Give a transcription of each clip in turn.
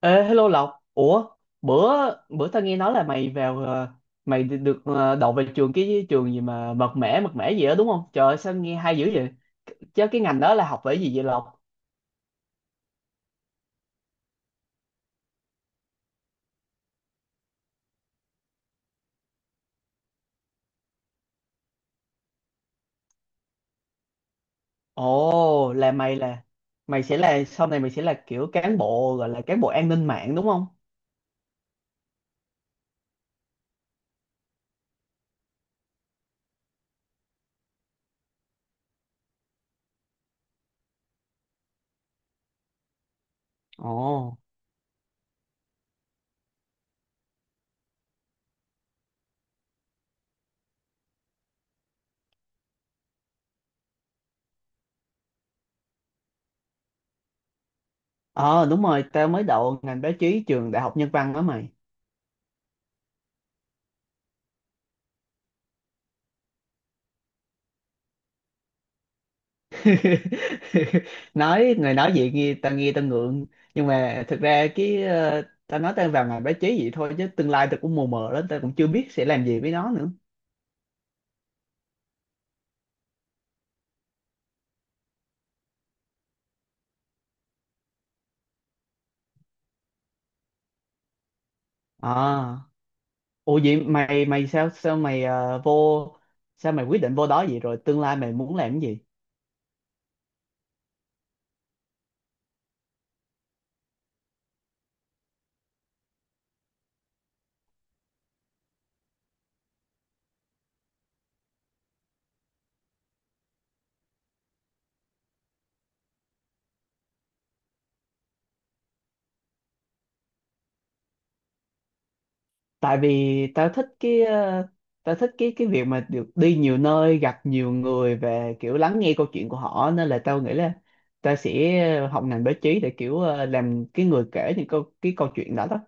Ê, hello Lộc. Ủa bữa bữa tao nghe nói là mày vào mày được được, ờ, đậu về trường, cái trường gì mà mật mẻ gì đó đúng không? Trời ơi, sao nghe hay dữ vậy? Chứ cái ngành đó là học về gì vậy Lộc? Ồ là mày sẽ là kiểu cán bộ, gọi là cán bộ an ninh mạng đúng không? Ồ, ờ đúng rồi, tao mới đậu ngành báo chí trường Đại học Nhân văn đó mày. Nói người nói vậy nghe tao ngượng, nhưng mà thực ra cái tao nói tao vào ngành báo chí vậy thôi, chứ tương lai tao cũng mù mờ lắm, tao cũng chưa biết sẽ làm gì với nó nữa. À, ủa vậy mày mày sao sao mày ờ, vô sao mày quyết định vô đó vậy, rồi tương lai mày muốn làm cái gì? Tại vì tao thích cái tao thích cái việc mà được đi nhiều nơi, gặp nhiều người và kiểu lắng nghe câu chuyện của họ, nên là tao nghĩ là tao sẽ học ngành báo chí để kiểu làm cái người kể những câu chuyện đó đó.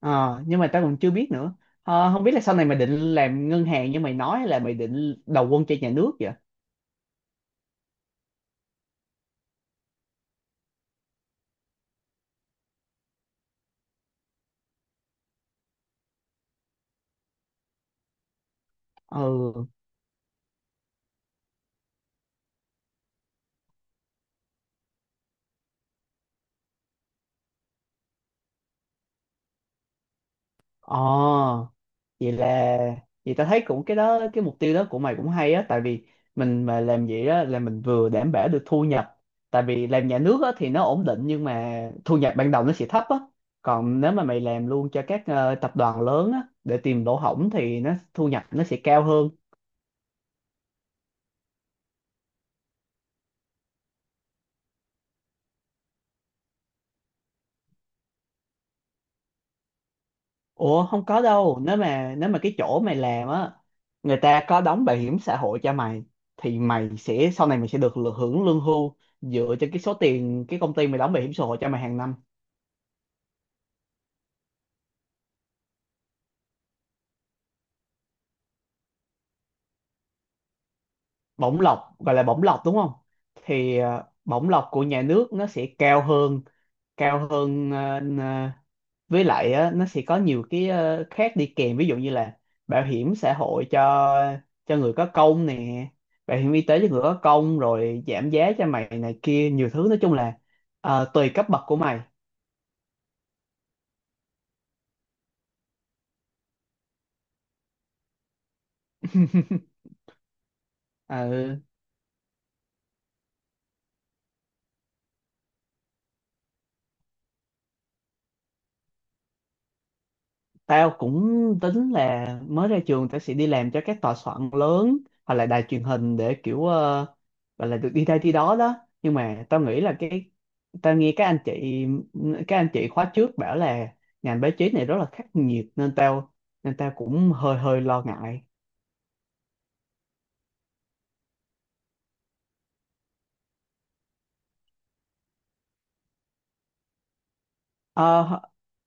Ờ, nhưng mà tao còn chưa biết nữa. Ờ, không biết là sau này mày định làm ngân hàng như mày nói hay là mày định đầu quân cho nhà nước vậy? Ừ. Ờ vậy là vậy ta thấy cũng cái đó cái mục tiêu đó của mày cũng hay á, tại vì mình mà làm vậy á là mình vừa đảm bảo được thu nhập, tại vì làm nhà nước á thì nó ổn định, nhưng mà thu nhập ban đầu nó sẽ thấp á. Còn nếu mà mày làm luôn cho các tập đoàn lớn á để tìm lỗ hổng thì nó thu nhập nó sẽ cao hơn. Ủa, không có đâu, nếu mà cái chỗ mày làm á người ta có đóng bảo hiểm xã hội cho mày thì mày sẽ sau này mày sẽ được hưởng lương hưu dựa trên cái số tiền cái công ty mày đóng bảo hiểm xã hội cho mày hàng năm. Bổng lộc, gọi là bổng lộc đúng không? Thì bổng lộc của nhà nước nó sẽ cao hơn, cao hơn ờ, với lại á, nó sẽ có nhiều cái khác đi kèm, ví dụ như là bảo hiểm xã hội cho người có công nè, bảo hiểm y tế cho người có công, rồi giảm giá cho mày này kia, nhiều thứ, nói chung là tùy cấp bậc của mày. Ờ. Tao cũng tính là mới ra trường tao sẽ đi làm cho các tòa soạn lớn hoặc là đài truyền hình để kiểu gọi là được đi đây đi đó đó. Nhưng mà tao nghĩ là cái tao nghe các anh chị, các anh chị khóa trước bảo là ngành báo chí này rất là khắc nghiệt, nên tao cũng hơi hơi lo ngại. Ờ,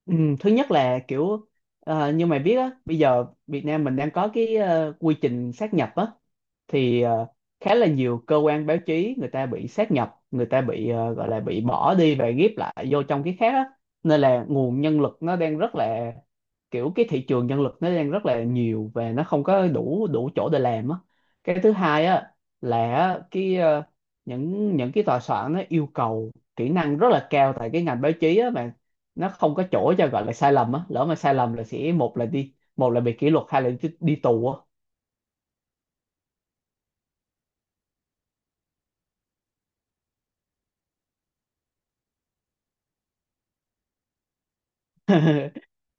ừ, thứ nhất là kiểu như mày biết á, bây giờ Việt Nam mình đang có cái quy trình sát nhập á, thì khá là nhiều cơ quan báo chí người ta bị sát nhập, người ta bị gọi là bị bỏ đi và ghép lại vô trong cái khác á, nên là nguồn nhân lực nó đang rất là kiểu cái thị trường nhân lực nó đang rất là nhiều và nó không có đủ đủ chỗ để làm á. Cái thứ hai á là á, cái những cái tòa soạn nó yêu cầu kỹ năng rất là cao, tại cái ngành báo chí á mà nó không có chỗ cho gọi là sai lầm á, lỡ mà sai lầm là sẽ một là đi, một là bị kỷ luật, hai là đi tù á.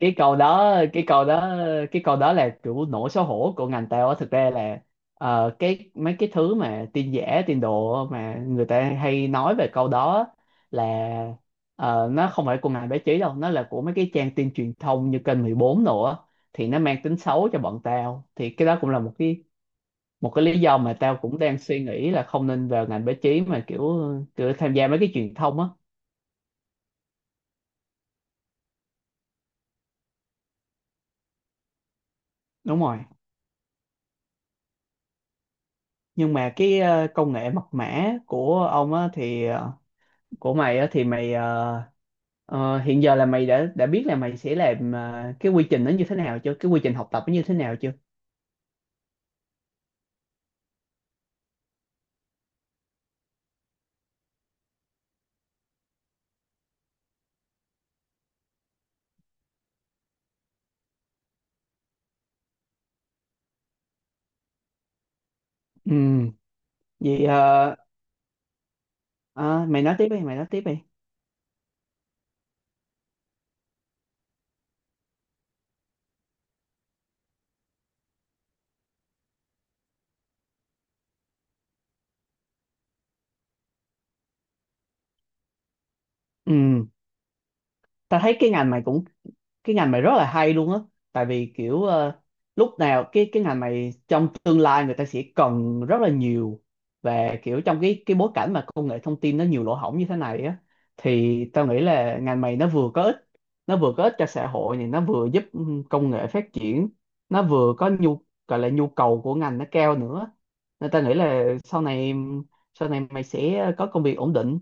Cái câu đó, cái câu đó là kiểu nỗi xấu hổ của ngành tao á, thực ra là cái mấy cái thứ mà tin giả tin đồ á, mà người ta hay nói về câu đó á, là nó không phải của ngành báo chí đâu, nó là của mấy cái trang tin truyền thông như kênh 14 nữa, thì nó mang tính xấu cho bọn tao, thì cái đó cũng là một cái lý do mà tao cũng đang suy nghĩ là không nên vào ngành báo chí mà kiểu kiểu tham gia mấy cái truyền thông á. Đúng rồi. Nhưng mà cái công nghệ mật mã của ông á thì ờ, của mày á thì mày ờ, ờ, hiện giờ là mày đã biết là mày sẽ làm cái quy trình nó như thế nào chưa, cái quy trình học tập nó như thế nào chưa? Ừ. Vậy ờ, mày nói tiếp đi. Ừ, tao thấy cái ngành mày rất là hay luôn á, tại vì kiểu lúc nào cái ngành mày trong tương lai người ta sẽ cần rất là nhiều, và kiểu trong cái bối cảnh mà công nghệ thông tin nó nhiều lỗ hổng như thế này á, thì tao nghĩ là ngành mày nó vừa có ích cho xã hội này, nó vừa giúp ừ, công nghệ phát triển, nó vừa có nhu gọi là nhu cầu của ngành nó cao nữa, nên tao nghĩ là sau này mày sẽ có công việc ổn định.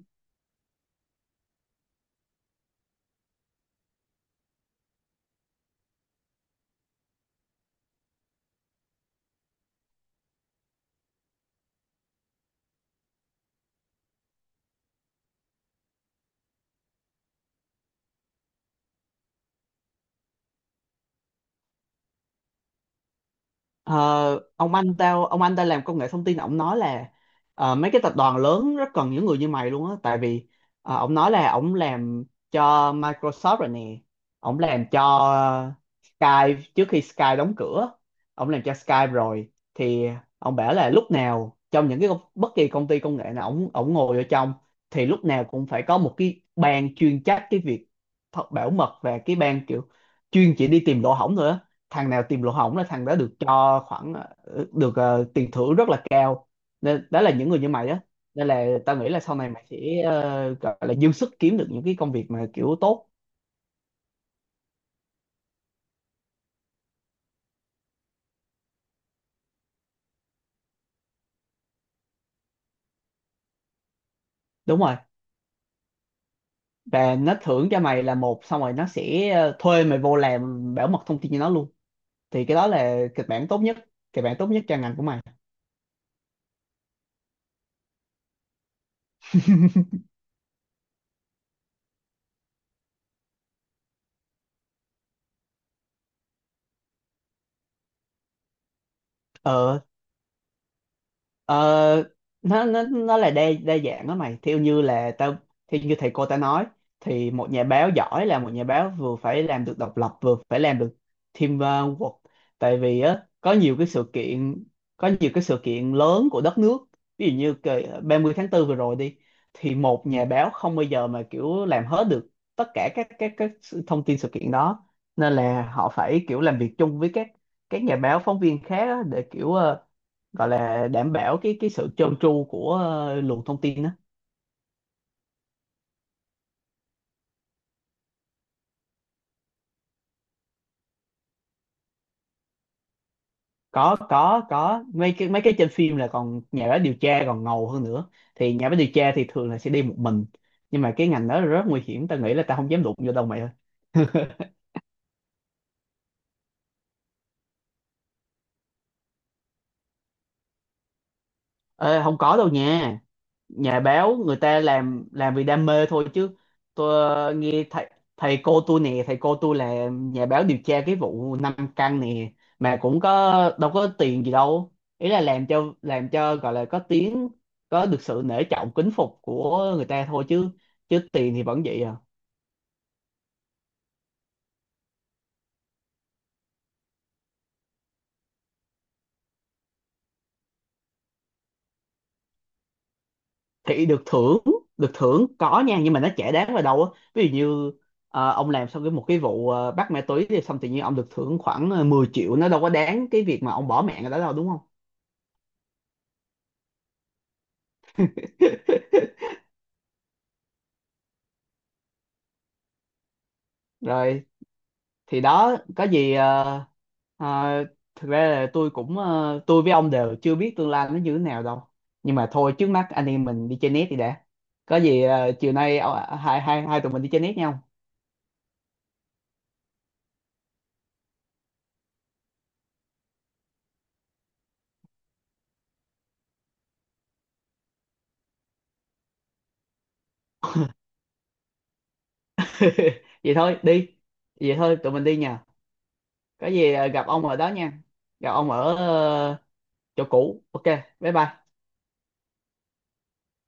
Ờ, ông anh tao làm công nghệ thông tin, ông nói là mấy cái tập đoàn lớn rất cần những người như mày luôn á, tại vì ông nói là ông làm cho Microsoft rồi nè, ông làm cho Skype trước khi Skype đóng cửa, ông làm cho Skype rồi, thì ông bảo là lúc nào trong những bất kỳ công ty công nghệ nào ông ngồi ở trong thì lúc nào cũng phải có một cái ban chuyên trách cái việc thật bảo mật, và cái ban kiểu chuyên chỉ đi tìm lỗ hổng thôi á, thằng nào tìm lỗ hổng là thằng đó được cho khoảng tiền thưởng rất là cao, nên đó là những người như mày á, nên là tao nghĩ là sau này mày sẽ gọi là dư sức kiếm được những cái công việc mà kiểu tốt. Đúng rồi. Và nó thưởng cho mày là một, xong rồi nó sẽ thuê mày vô làm bảo mật thông tin cho nó luôn, thì cái đó là kịch bản tốt nhất cho ngành của mày. Ờ. Ờ, nó là đa đa dạng đó mày, theo như là tao theo như thầy cô ta nói thì một nhà báo giỏi là một nhà báo vừa phải làm được độc lập vừa phải làm được teamwork, tại vì á có nhiều cái sự kiện lớn của đất nước, ví dụ như cái 30 tháng 4 vừa rồi đi, thì một nhà báo không bao giờ mà kiểu làm hết được tất cả thông tin sự kiện đó, nên là họ phải kiểu làm việc chung với các nhà báo phóng viên khác á, để kiểu gọi là đảm bảo cái sự trơn tru của luồng thông tin đó. Có, mấy cái trên phim là còn nhà báo điều tra còn ngầu hơn nữa, thì nhà báo điều tra thì thường là sẽ đi một mình, nhưng mà cái ngành đó là rất nguy hiểm, tao nghĩ là tao không dám đụng vô đâu mày ơi. Ê, không có đâu nha, nhà báo người ta làm vì đam mê thôi chứ. Tôi ờ, nghe thầy thầy cô tôi nè, thầy cô tôi là nhà báo điều tra cái vụ năm căn nè, mà cũng có đâu có tiền gì đâu, ý là làm cho gọi là có tiếng, có được sự nể trọng kính phục của người ta thôi chứ, chứ tiền thì vẫn vậy à. Thì được thưởng có nha, nhưng mà nó chả đáng vào đâu á, ví dụ như ông làm xong một cái vụ bắt ma túy thì xong tự nhiên ông được thưởng khoảng 10 triệu, nó đâu có đáng cái việc mà ông bỏ mạng ở đó đâu đúng không? Rồi, thì đó, có gì ờ, thực ra là tôi cũng ờ, tôi với ông đều chưa biết tương lai nó như thế nào đâu, nhưng mà thôi trước mắt anh em mình đi chơi net đi đã, có gì chiều nay ờ, hai hai hai tụi mình đi chơi net nhau. Vậy thôi đi, vậy thôi tụi mình đi nha, có gì gặp ông ở đó nha, gặp ông ở ờ, chỗ cũ, ok, bye bye.